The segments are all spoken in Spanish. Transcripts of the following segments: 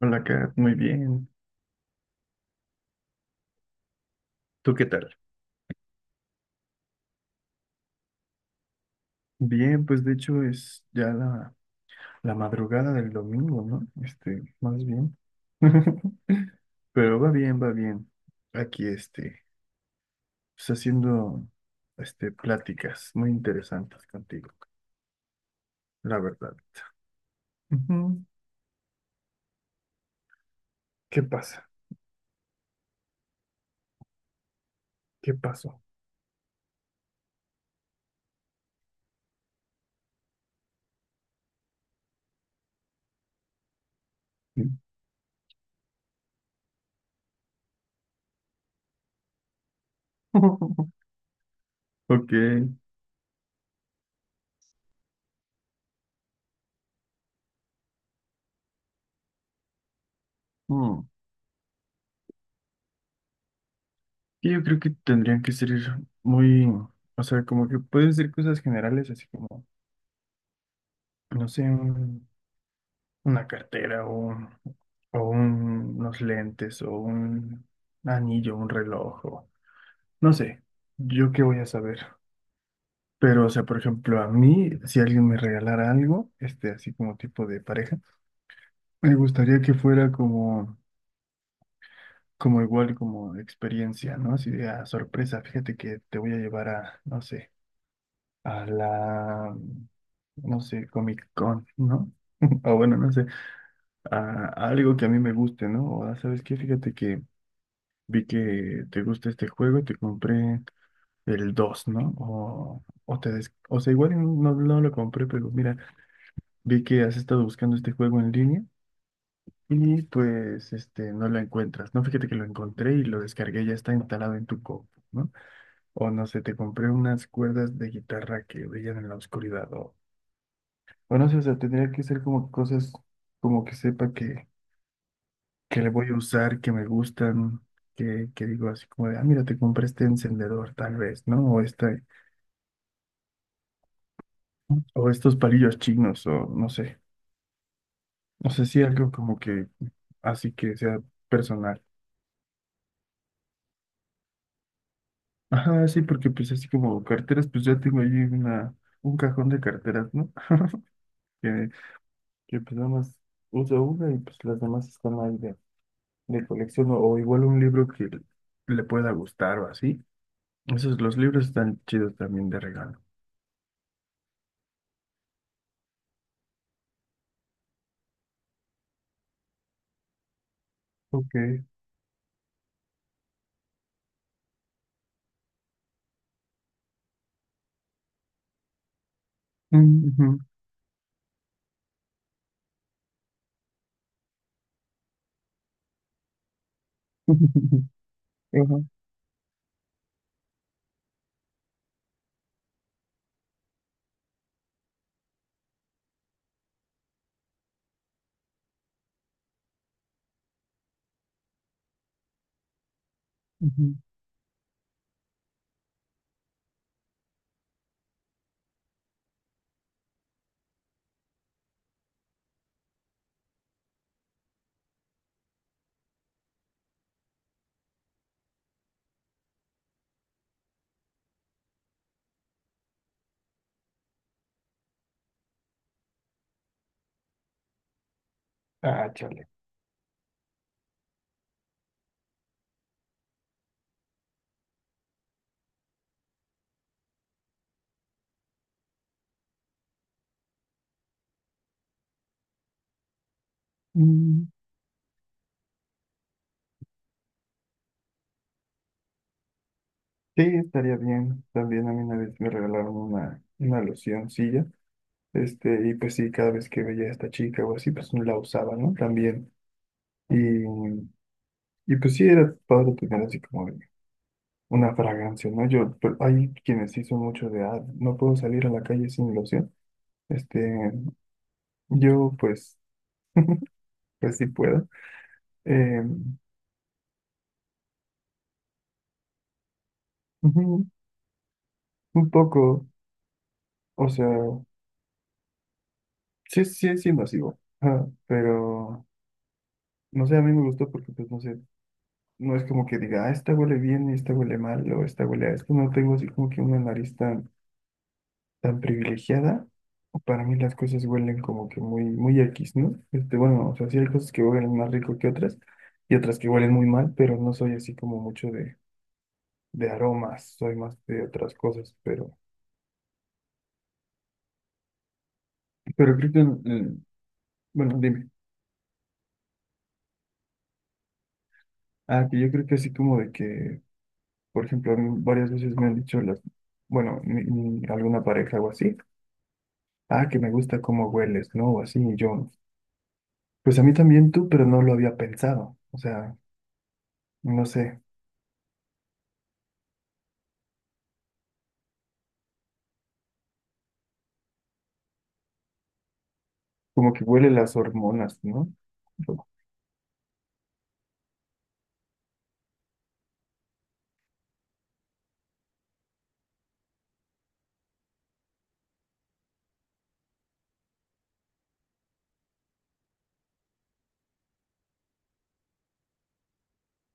Hola, Kat, muy bien. ¿Tú qué tal? Bien, pues de hecho es ya la madrugada del domingo, ¿no? Este, más bien. Pero va bien, va bien. Aquí, este, pues haciendo, este, pláticas muy interesantes contigo, la verdad. Ujú. ¿Qué pasa? ¿Qué pasó? Ok. Mm. Yo creo que tendrían que ser muy, o sea, como que pueden ser cosas generales, así como, no sé, una cartera o, o unos lentes o un anillo, un reloj o no sé, yo qué voy a saber. Pero, o sea, por ejemplo, a mí, si alguien me regalara algo, este, así como tipo de pareja, me gustaría que fuera como, como igual, como experiencia, ¿no? Así de, ah, sorpresa, fíjate que te voy a llevar a, no sé, a la, no sé, Comic Con, ¿no? O bueno, no sé, a algo que a mí me guste, ¿no? O, ah, ¿sabes qué? Fíjate que vi que te gusta este juego y te compré el 2, ¿no? O te o sea, igual no, no lo compré, pero mira, vi que has estado buscando este juego en línea y pues este no lo encuentras. No, fíjate que lo encontré y lo descargué, ya está instalado en tu compu, ¿no? O no sé, te compré unas cuerdas de guitarra que brillan en la oscuridad o no sé, o sea, tendría que ser como cosas como que sepa que le voy a usar, que me gustan, que digo así como de, ah, mira, te compré este encendedor tal vez, ¿no? O este, o estos palillos chinos, o no sé, no sé si algo como que así que sea personal. Ajá, sí, porque pues así como carteras, pues ya tengo ahí una, un cajón de carteras, ¿no? Que, que pues nada más uso una y pues las demás están ahí de colección, o igual un libro que le pueda gustar o así. Esos, los libros están chidos también de regalo. Ok. Ujú. ajá ujú. Ah, chale. Mm, sí, estaría bien. También a mí una vez me regalaron una locioncilla. Este, y pues sí, cada vez que veía a esta chica o así, pues no la usaba, ¿no? También. Y, y pues sí, era padre tener así como de una fragancia, ¿no? Yo, pero hay quienes sí son mucho de, ah, no puedo salir a la calle sin loción. Este, yo pues, pues sí puedo. Eh, ujú, un poco, o sea. Sí, sí, es invasivo, ajá, pero no sé, a mí me gustó porque, pues, no sé, no es como que diga, ah, esta huele bien y esta huele mal o esta huele a esto. No tengo así como que una nariz tan, tan privilegiada. Para mí las cosas huelen como que muy, muy X, ¿no? Este, bueno, o sea, sí hay cosas que huelen más rico que otras y otras que huelen muy mal, pero no soy así como mucho de aromas, soy más de otras cosas, pero creo que, bueno, dime, ah, que yo creo que así como de que por ejemplo, a mí varias veces me han dicho las, bueno, alguna pareja o así, ah, que me gusta cómo hueles, ¿no? O así, y yo, pues a mí también tú, pero no lo había pensado. O sea, no sé, como que huele las hormonas, ¿no?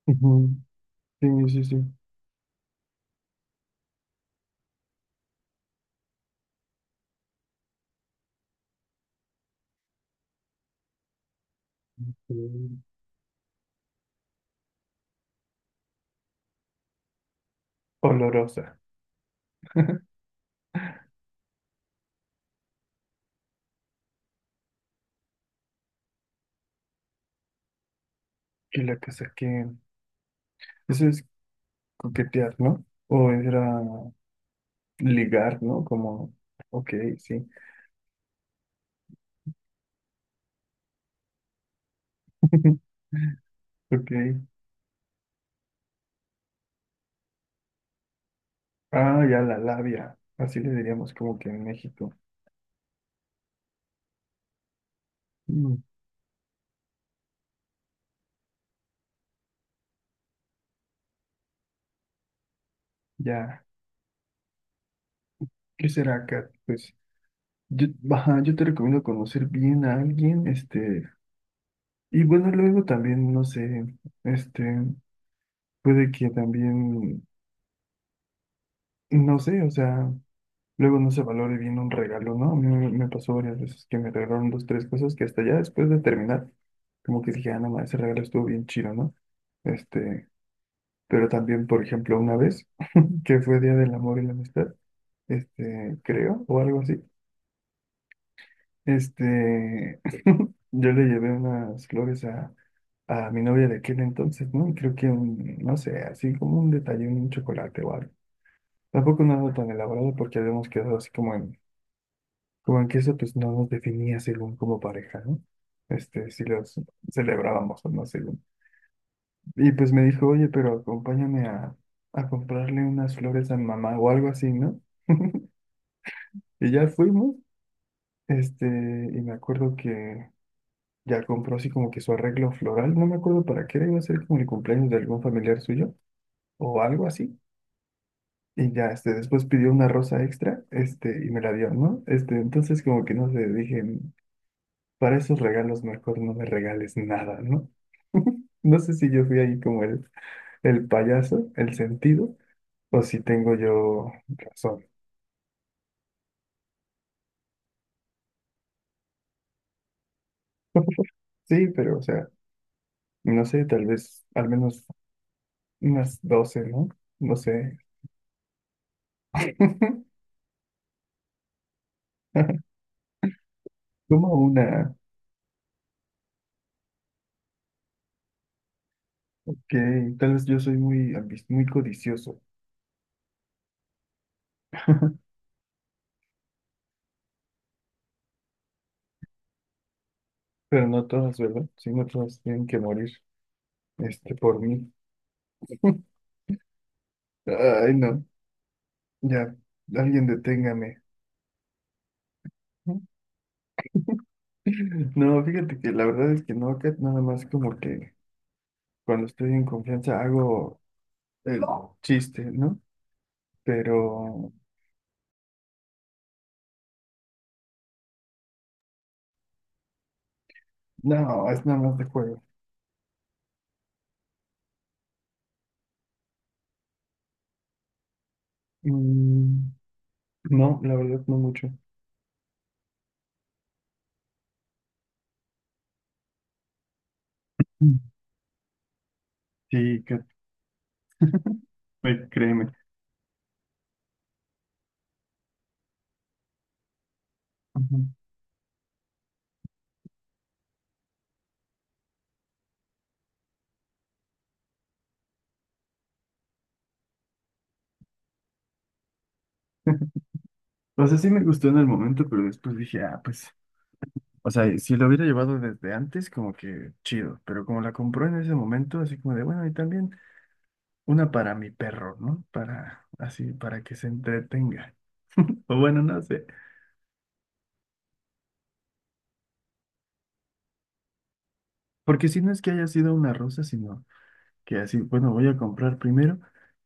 Ujú, sí, sí, sí. Mm. Olorosa. Y la que saqué. Eso es coquetear, ¿no? O era ligar, ¿no? Como, ok, sí. Ok. Ah, ya la labia. Así le diríamos como que en México. Mm, ya, ¿qué será, Kat? Pues yo, ajá, yo te recomiendo conocer bien a alguien, este, y bueno, luego también, no sé, este, puede que también, no sé, o sea, luego no se valore bien un regalo, ¿no? A mí me, me pasó varias veces que me regalaron dos, tres cosas que hasta ya después de terminar, como que dije, ah, no, ma, ese regalo estuvo bien chido, ¿no? Este, pero también, por ejemplo, una vez, que fue Día del Amor y la Amistad, este, creo, o algo así. Este, yo le llevé unas flores a mi novia de aquel entonces, ¿no? Y creo que un, no sé, así como un detalle, un chocolate o algo. Tampoco nada tan elaborado porque habíamos quedado así como en, como en que eso pues no nos definía según como pareja, ¿no? Este, si los celebrábamos o no según. Y pues me dijo, oye, pero acompáñame a comprarle unas flores a mi mamá o algo así, ¿no? Y ya fuimos, este, y me acuerdo que ya compró así como que su arreglo floral, no me acuerdo para qué era, iba a ser como el cumpleaños de algún familiar suyo o algo así. Y ya, este, después pidió una rosa extra, este, y me la dio, ¿no? Este, entonces como que no sé, dije, para esos regalos mejor no me regales nada, ¿no? No sé si yo fui ahí como el payaso, el sentido, o si tengo yo razón. Sí, pero o sea, no sé, tal vez al menos unas 12, ¿no? No sé. Como una. Que tal vez yo soy muy, muy codicioso, pero no todas, ¿verdad? Sí, no todas tienen que morir, este, por mí. Ay, no, ya, alguien deténgame. No, fíjate que la verdad es que no, Kat, nada más como que cuando estoy en confianza hago el chiste, ¿no? Pero no, es nada más de juego. Mm, no, la verdad no mucho. Mm. Sí, Kat, créeme. Ujú. O sea, sí me gustó en el momento, pero después dije, ah, pues o sea, si lo hubiera llevado desde antes, como que chido, pero como la compró en ese momento, así como de, bueno, y también una para mi perro, ¿no? Para, así, para que se entretenga. O bueno, no sé. Porque si no es que haya sido una rosa, sino que así, bueno, voy a comprar primero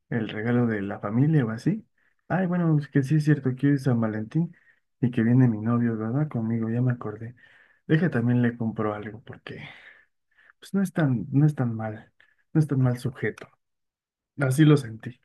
el regalo de la familia o así. Ay, bueno, pues que sí es cierto que hoy es San Valentín y que viene mi novio, ¿verdad? Conmigo, ya me acordé. Deja también le compro algo, porque pues no es tan, no es tan mal, no es tan mal sujeto. Así lo sentí.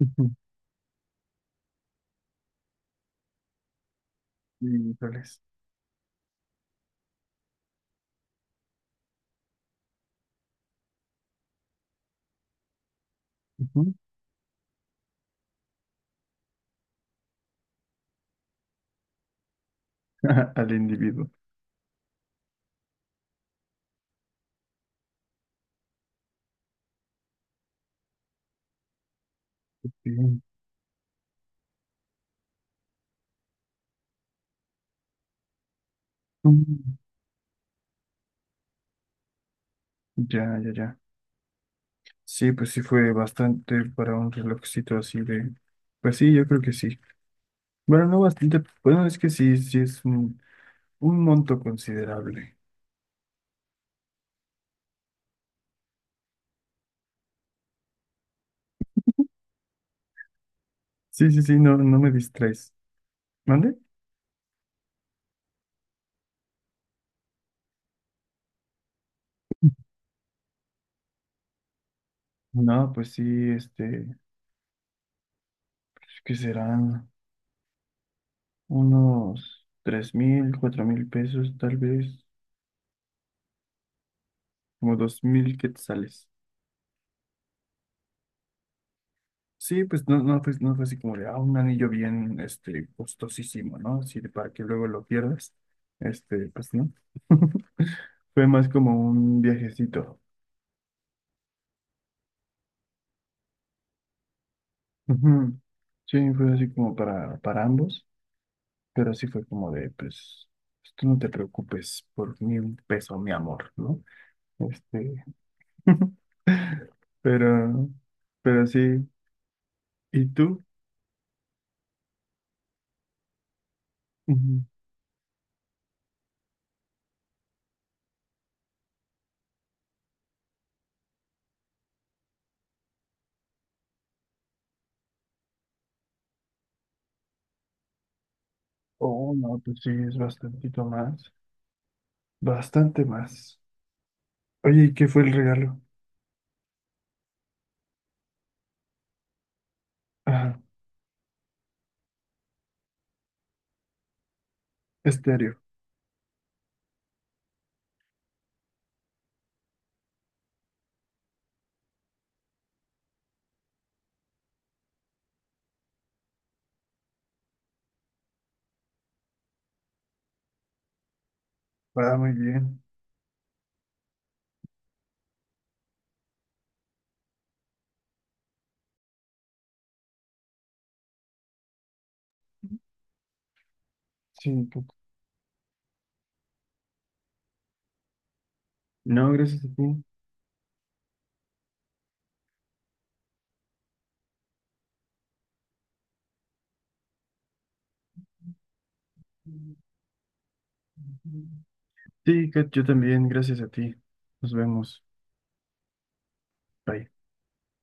Ujú. Híjoles. Ujú. Al individuo. Bien. Mm. Ya, ya, ya. Sí, pues sí fue bastante para un relojcito así de... Pues sí, yo creo que sí. Bueno, no bastante. Bueno, es que sí, sí es un monto considerable. Sí, sí, sí, no, no me distraes. ¿Mande? No, pues sí, este, que serán unos 3000, 4000 pesos, tal vez, como 2000 quetzales. Sí, pues no, no, fue, no fue así como de, ah, un anillo bien, este, costosísimo, ¿no? Así de para que luego lo pierdas. Este, pues no. Fue más como un viajecito. Ujú. Sí, fue así como para ambos, pero sí fue como de, pues, pues, tú no te preocupes por ni un peso, mi amor, ¿no? Este, pero, pero sí, ¿y tú? Ujú. Oh, no, pues sí, es bastantito más, bastante más. Oye, ¿y qué fue el regalo? Ajá, estéreo. Va muy bien. Sí, Kat. No, gracias a ti. Sí, Kat, yo también, gracias a ti. Nos vemos. Bye.